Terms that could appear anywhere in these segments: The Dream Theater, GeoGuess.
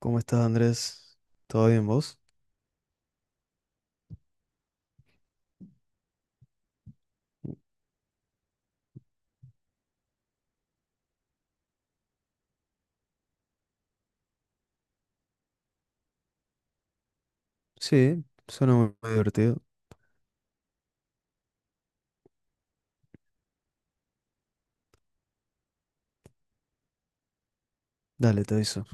¿Cómo estás, Andrés? ¿Todo bien vos? Sí, suena muy divertido. Dale, te aviso.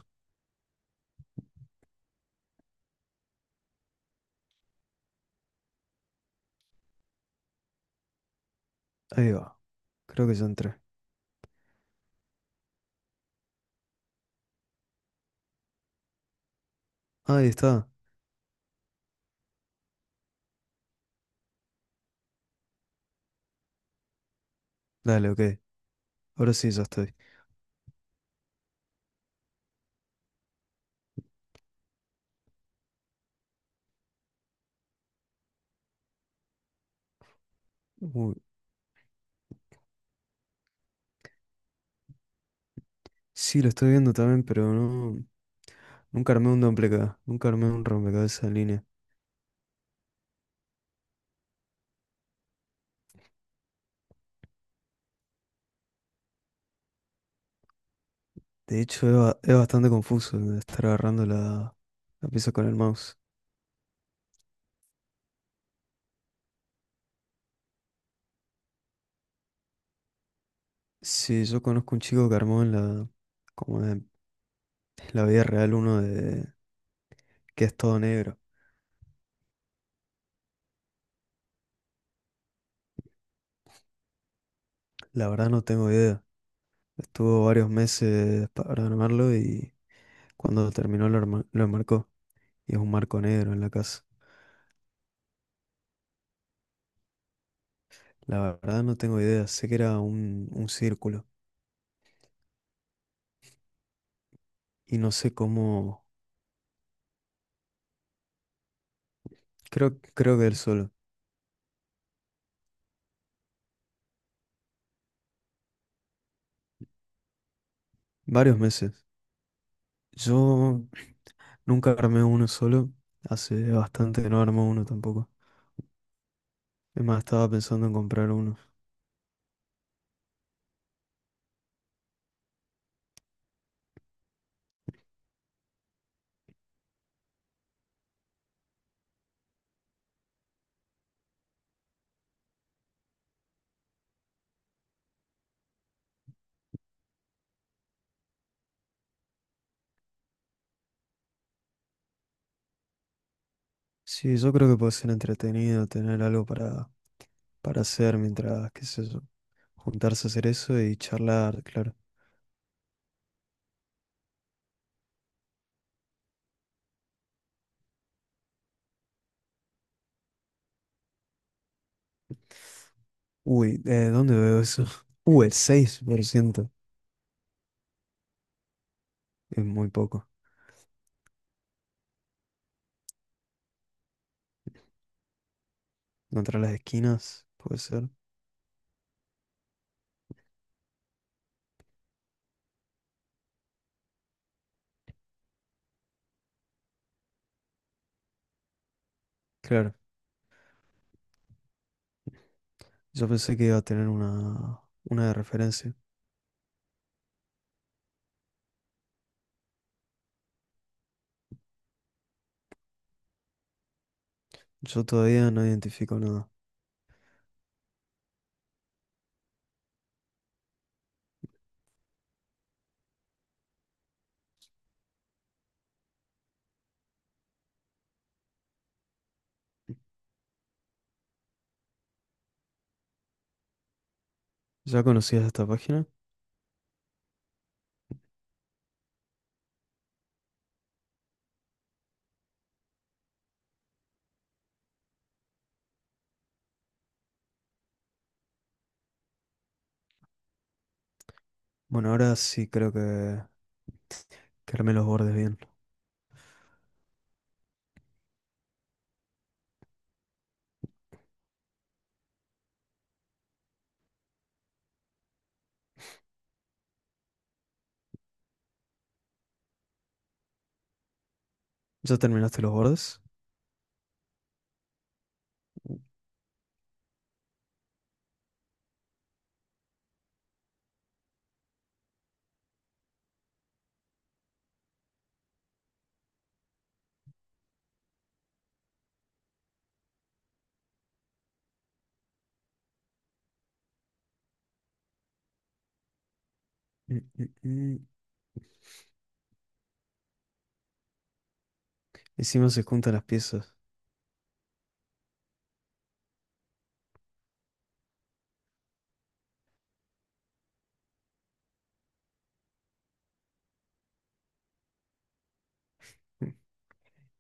Ahí va. Creo que ya entré. Ah, ahí está. Dale, ok. Ahora sí, ya estoy. Uy, sí, lo estoy viendo también, pero no... Nunca armé un duplicado. Nunca armé un rompecabezas en línea. De hecho, es, es bastante confuso el estar agarrando la pieza con el mouse. Sí, yo conozco un chico que armó como en la vida real uno de que es todo negro. La verdad no tengo idea. Estuvo varios meses para armarlo y cuando terminó lo enmarcó. Y es un marco negro en la casa. La verdad no tengo idea. Sé que era un círculo. Y no sé cómo. Creo que él solo. Varios meses. Yo nunca armé uno solo. Hace bastante que no armo uno tampoco. Es más, estaba pensando en comprar uno. Sí, yo creo que puede ser entretenido tener algo para hacer mientras, qué sé yo, juntarse a hacer eso y charlar, claro. Uy, ¿dónde veo eso? El 6%. Es muy poco. Contra las esquinas, puede ser. Claro, yo pensé que iba a tener una de referencia. Yo todavía no identifico nada. ¿Ya conocías esta página? Bueno, ahora sí creo que armé los bordes bien. ¿Ya terminaste los bordes? Mm, mm, mm. Encima se juntan las piezas.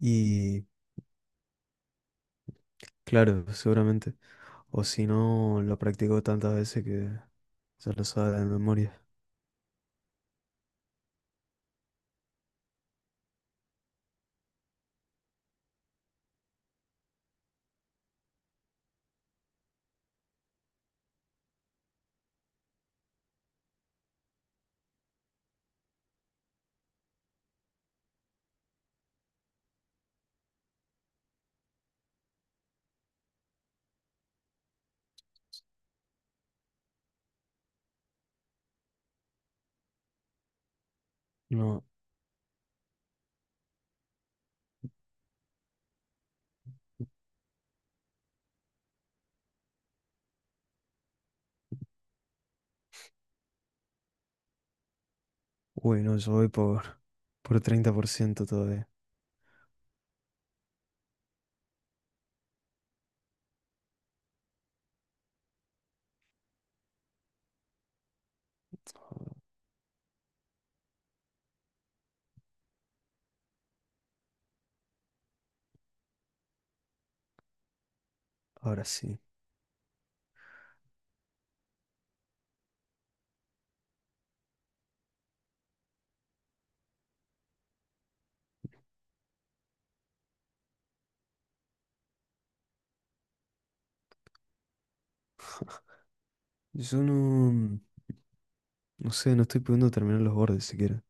Y claro, seguramente. O si no, lo practicó tantas veces que ya lo sabe de memoria. No, uy, no, yo voy por 30% todavía. Ahora sí. Yo no, no sé, no estoy pudiendo terminar los bordes siquiera.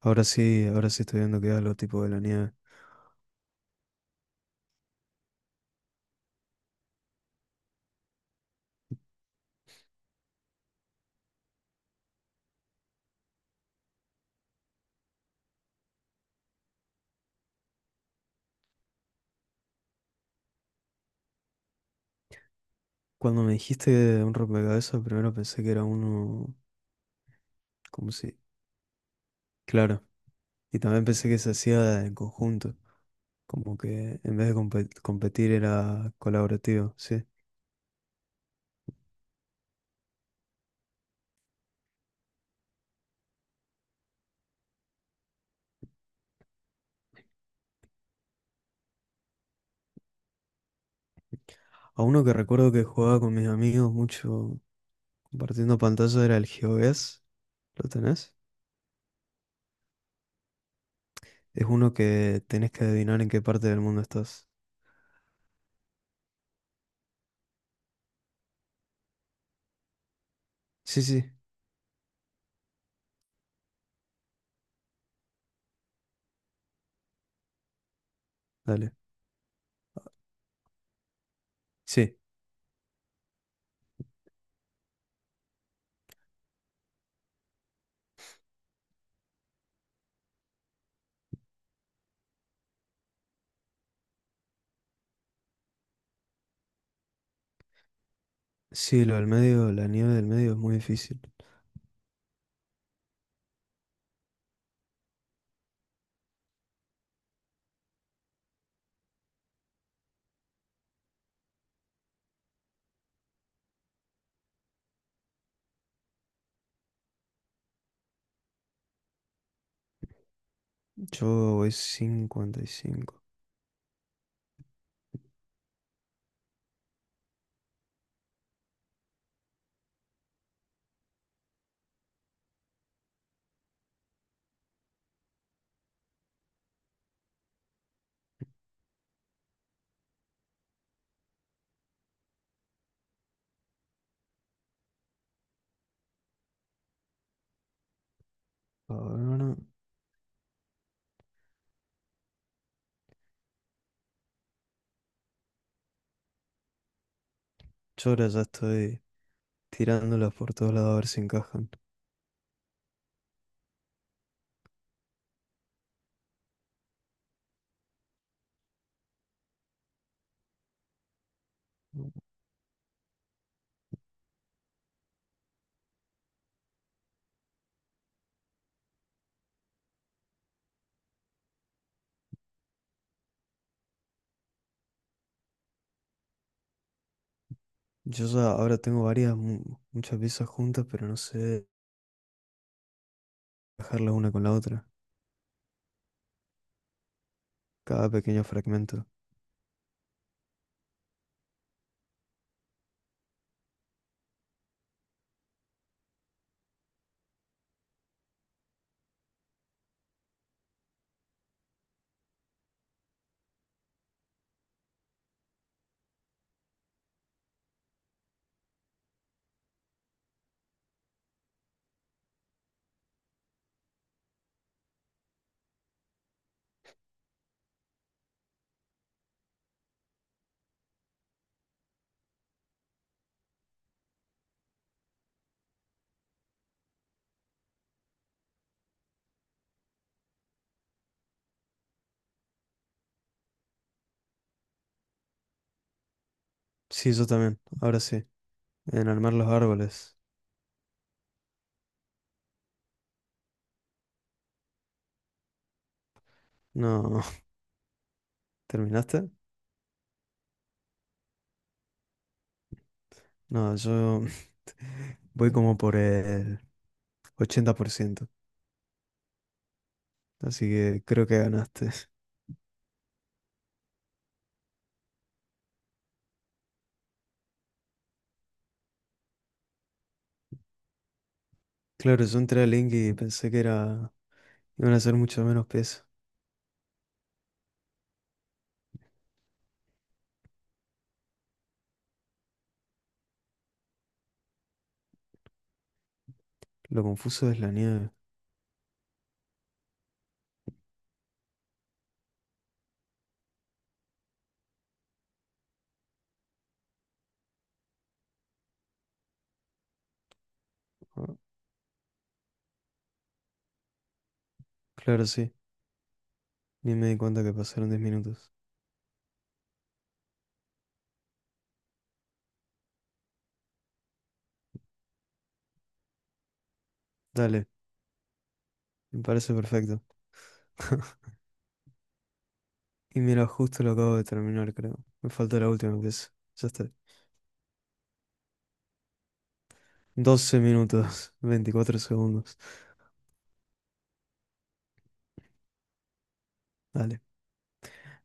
Ahora sí estoy viendo que era lo tipo de la nieve. Cuando me dijiste un rompecabezas, primero pensé que era uno, como si, claro, y también pensé que se hacía en conjunto, como que en vez de competir era colaborativo, sí. A uno que recuerdo que jugaba con mis amigos mucho compartiendo pantalla era el GeoGuess, ¿lo tenés? Es uno que tenés que adivinar en qué parte del mundo estás. Sí, sí, dale. Sí, sí, lo del medio, la nieve del medio es muy difícil. Yo voy 55. Ahora, yo ahora ya estoy tirándolas por todos lados a ver si encajan. Yo ya ahora tengo varias, muchas piezas juntas, pero no sé dejarlas una con la otra. Cada pequeño fragmento. Sí, yo también. Ahora sí. En armar los árboles. No, ¿terminaste? No, yo voy como por el 80%. Así que creo que ganaste. Claro, yo entré a Link y pensé que era... iban a ser mucho menos peso. Lo confuso es la nieve. Ah, claro, sí. Ni me di cuenta que pasaron 10 minutos. Dale, me parece perfecto. Y mira, justo lo acabo de terminar, creo. Me falta la última vez. Ya está. 12 minutos, 24 segundos. Dale,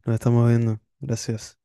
nos estamos viendo. Gracias.